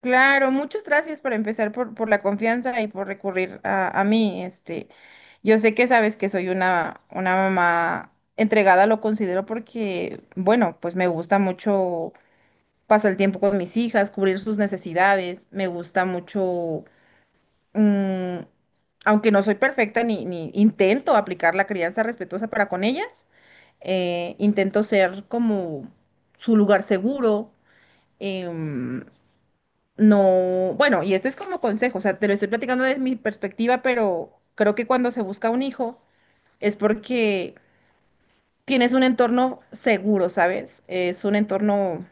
Claro, muchas gracias por empezar por la confianza y por recurrir a mí. Yo sé que sabes que soy una mamá entregada, lo considero porque, bueno, pues me gusta mucho pasar el tiempo con mis hijas, cubrir sus necesidades, me gusta mucho, mm, aunque no soy perfecta ni intento aplicar la crianza respetuosa para con ellas, intento ser como su lugar seguro. em, no, bueno, y esto es como consejo, o sea, te lo estoy platicando desde mi perspectiva, pero creo que cuando se busca un hijo es porque tienes un entorno seguro, ¿sabes? Es un entorno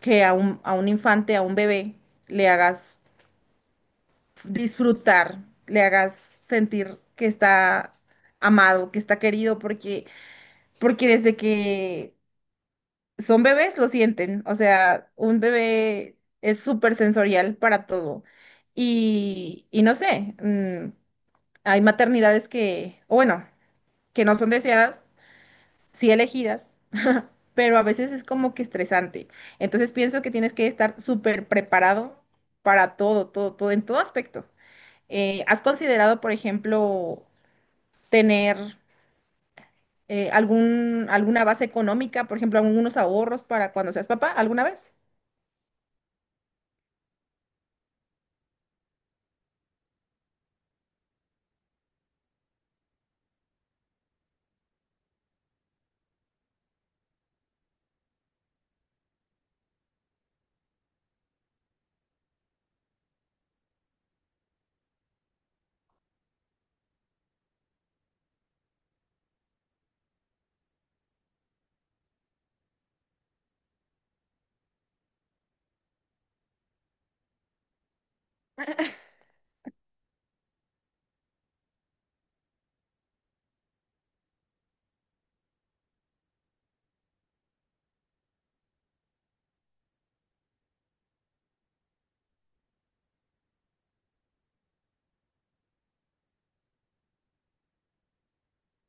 que a un infante, a un bebé, le hagas disfrutar, le hagas sentir que está amado, que está querido, porque desde que son bebés, lo sienten. O sea, un bebé es súper sensorial para todo. Y no sé, hay maternidades que, o bueno, que no son deseadas, sí elegidas, pero a veces es como que estresante. Entonces pienso que tienes que estar súper preparado para todo, todo, todo, en todo aspecto. ¿Has considerado, por ejemplo, tener alguna base económica, por ejemplo, algunos ahorros para cuando seas papá alguna vez?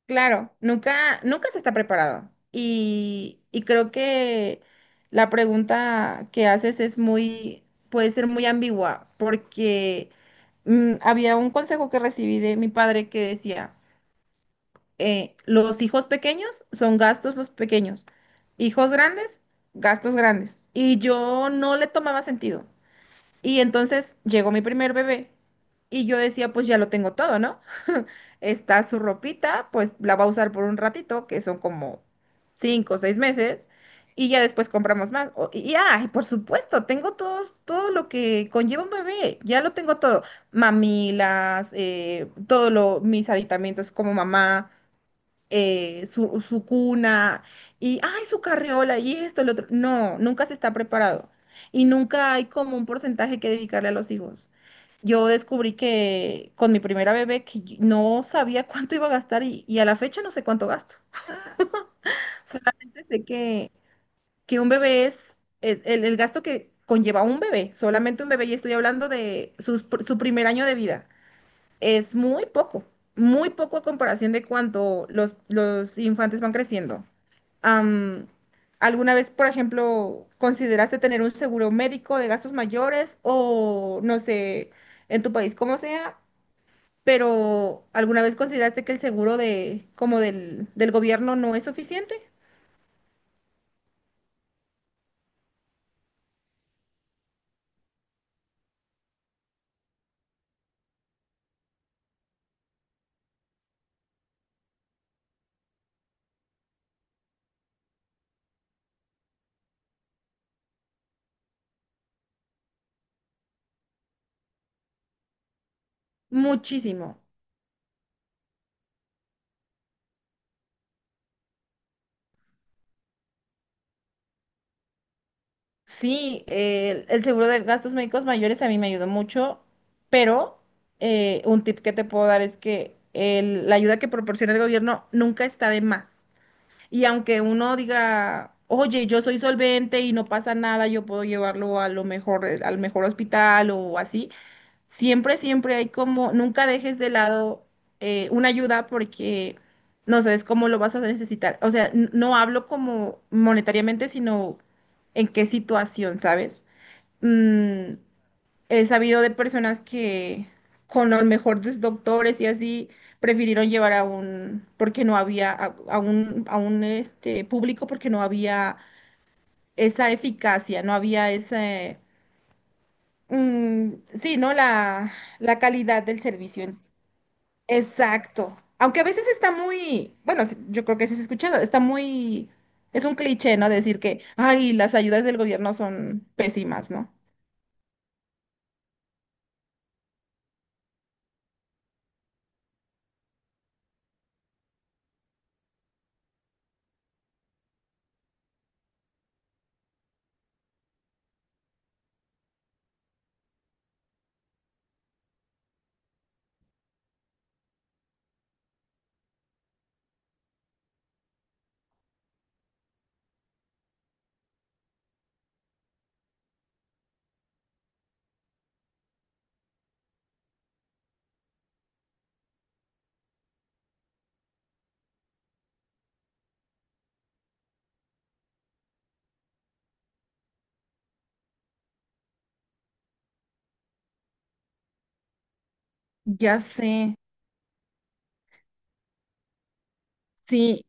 Claro, nunca, nunca se está preparado. Y creo que la pregunta que haces es muy, puede ser muy ambigua, porque había un consejo que recibí de mi padre que decía, los hijos pequeños son gastos los pequeños, hijos grandes, gastos grandes. Y yo no le tomaba sentido. Y entonces llegó mi primer bebé y yo decía, pues ya lo tengo todo, ¿no? Está su ropita, pues la va a usar por un ratito, que son como cinco o seis meses, y ya después compramos más. Por supuesto, todo lo que conlleva un bebé, ya lo tengo todo. Mamilas, todo lo, mis aditamentos como mamá, su cuna y, ay, su carriola y esto, el otro. No, nunca se está preparado y nunca hay como un porcentaje que dedicarle a los hijos. Yo descubrí que con mi primera bebé que yo no sabía cuánto iba a gastar y a la fecha no sé cuánto gasto. Solamente sé que un bebé es el gasto que conlleva un bebé, solamente un bebé y estoy hablando de su primer año de vida. Es muy poco a comparación de cuánto los infantes van creciendo. Am, ¿Alguna vez, por ejemplo, consideraste tener un seguro médico de gastos mayores o no sé, en tu país como sea, pero alguna vez consideraste que el seguro de como del gobierno no es suficiente? Muchísimo. Sí, el seguro de gastos médicos mayores a mí me ayudó mucho, pero un tip que te puedo dar es que la ayuda que proporciona el gobierno nunca está de más. Y aunque uno diga, oye, yo soy solvente y no pasa nada, yo puedo llevarlo a lo mejor, al mejor hospital o así, siempre, siempre hay como, nunca dejes de lado una ayuda porque no sabes cómo lo vas a necesitar. O sea, no hablo como monetariamente, sino en qué situación, ¿sabes? Mm, he sabido de personas que con los mejores doctores y así prefirieron llevar a un, porque no había, a un este, público, porque no había esa eficacia, no había ese, mm, sí, ¿no? La calidad del servicio. Exacto. Aunque a veces está muy, bueno, sí, yo creo que sí has escuchado, está muy, es un cliché, ¿no? Decir que, ay, las ayudas del gobierno son pésimas, ¿no? Ya sé, sí.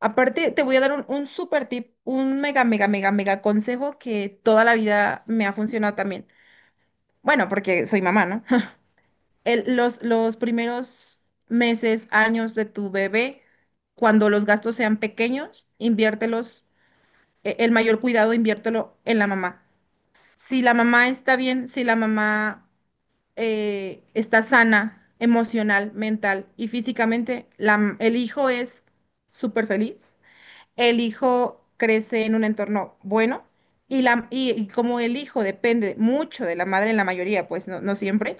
Aparte, te voy a dar un super tip, un mega, mega, mega, mega consejo que toda la vida me ha funcionado también. Bueno, porque soy mamá, ¿no? Los primeros meses, años de tu bebé, cuando los gastos sean pequeños, inviértelos, el mayor cuidado, inviértelo en la mamá. Si la mamá está bien, si la mamá está sana emocional, mental y físicamente, el hijo es súper feliz, el hijo crece en un entorno bueno y como el hijo depende mucho de la madre en la mayoría, pues no, no siempre,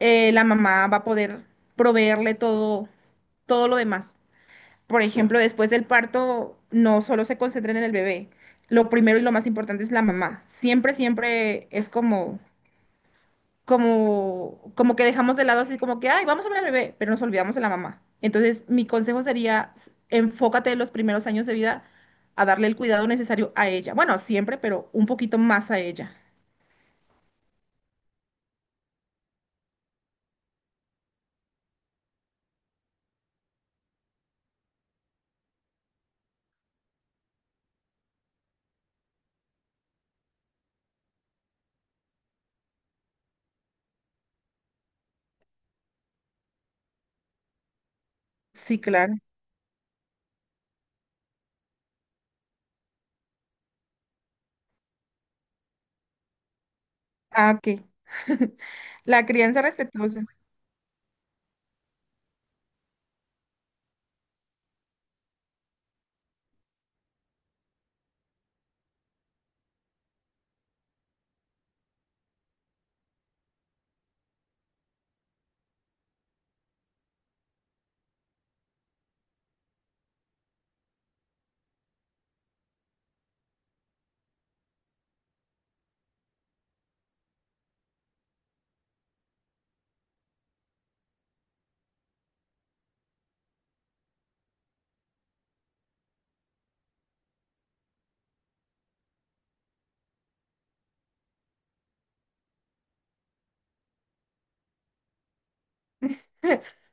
la mamá va a poder proveerle todo, todo lo demás. Por ejemplo, después del parto, no solo se concentren en el bebé, lo primero y lo más importante es la mamá. Siempre, siempre es como como que dejamos de lado así como que, ay, vamos a ver al bebé, pero nos olvidamos de la mamá. Entonces, mi consejo sería, enfócate en los primeros años de vida a darle el cuidado necesario a ella. Bueno, siempre, pero un poquito más a ella. Sí, claro. Ah, ok. La crianza respetuosa.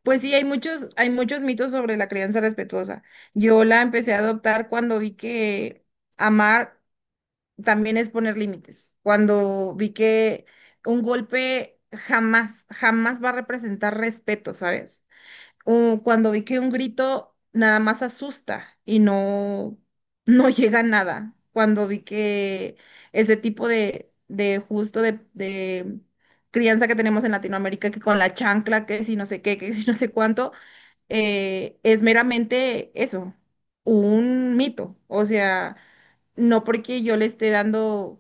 Pues sí, hay muchos mitos sobre la crianza respetuosa. Yo la empecé a adoptar cuando vi que amar también es poner límites. Cuando vi que un golpe jamás, jamás va a representar respeto, ¿sabes? O cuando vi que un grito nada más asusta y no, no llega a nada. Cuando vi que ese tipo de crianza que tenemos en Latinoamérica, que con la chancla, que si no sé qué, que si no sé cuánto, es meramente eso, un mito. O sea, no porque yo le esté dando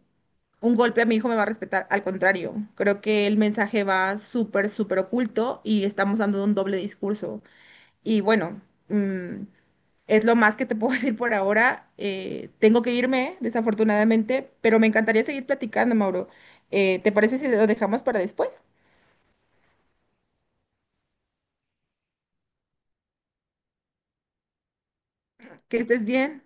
un golpe a mi hijo me va a respetar. Al contrario, creo que el mensaje va súper, súper oculto y estamos dando un doble discurso. Y bueno, mm, es lo más que te puedo decir por ahora. Tengo que irme, desafortunadamente, pero me encantaría seguir platicando, Mauro. ¿Te parece si lo dejamos para después? Que estés bien.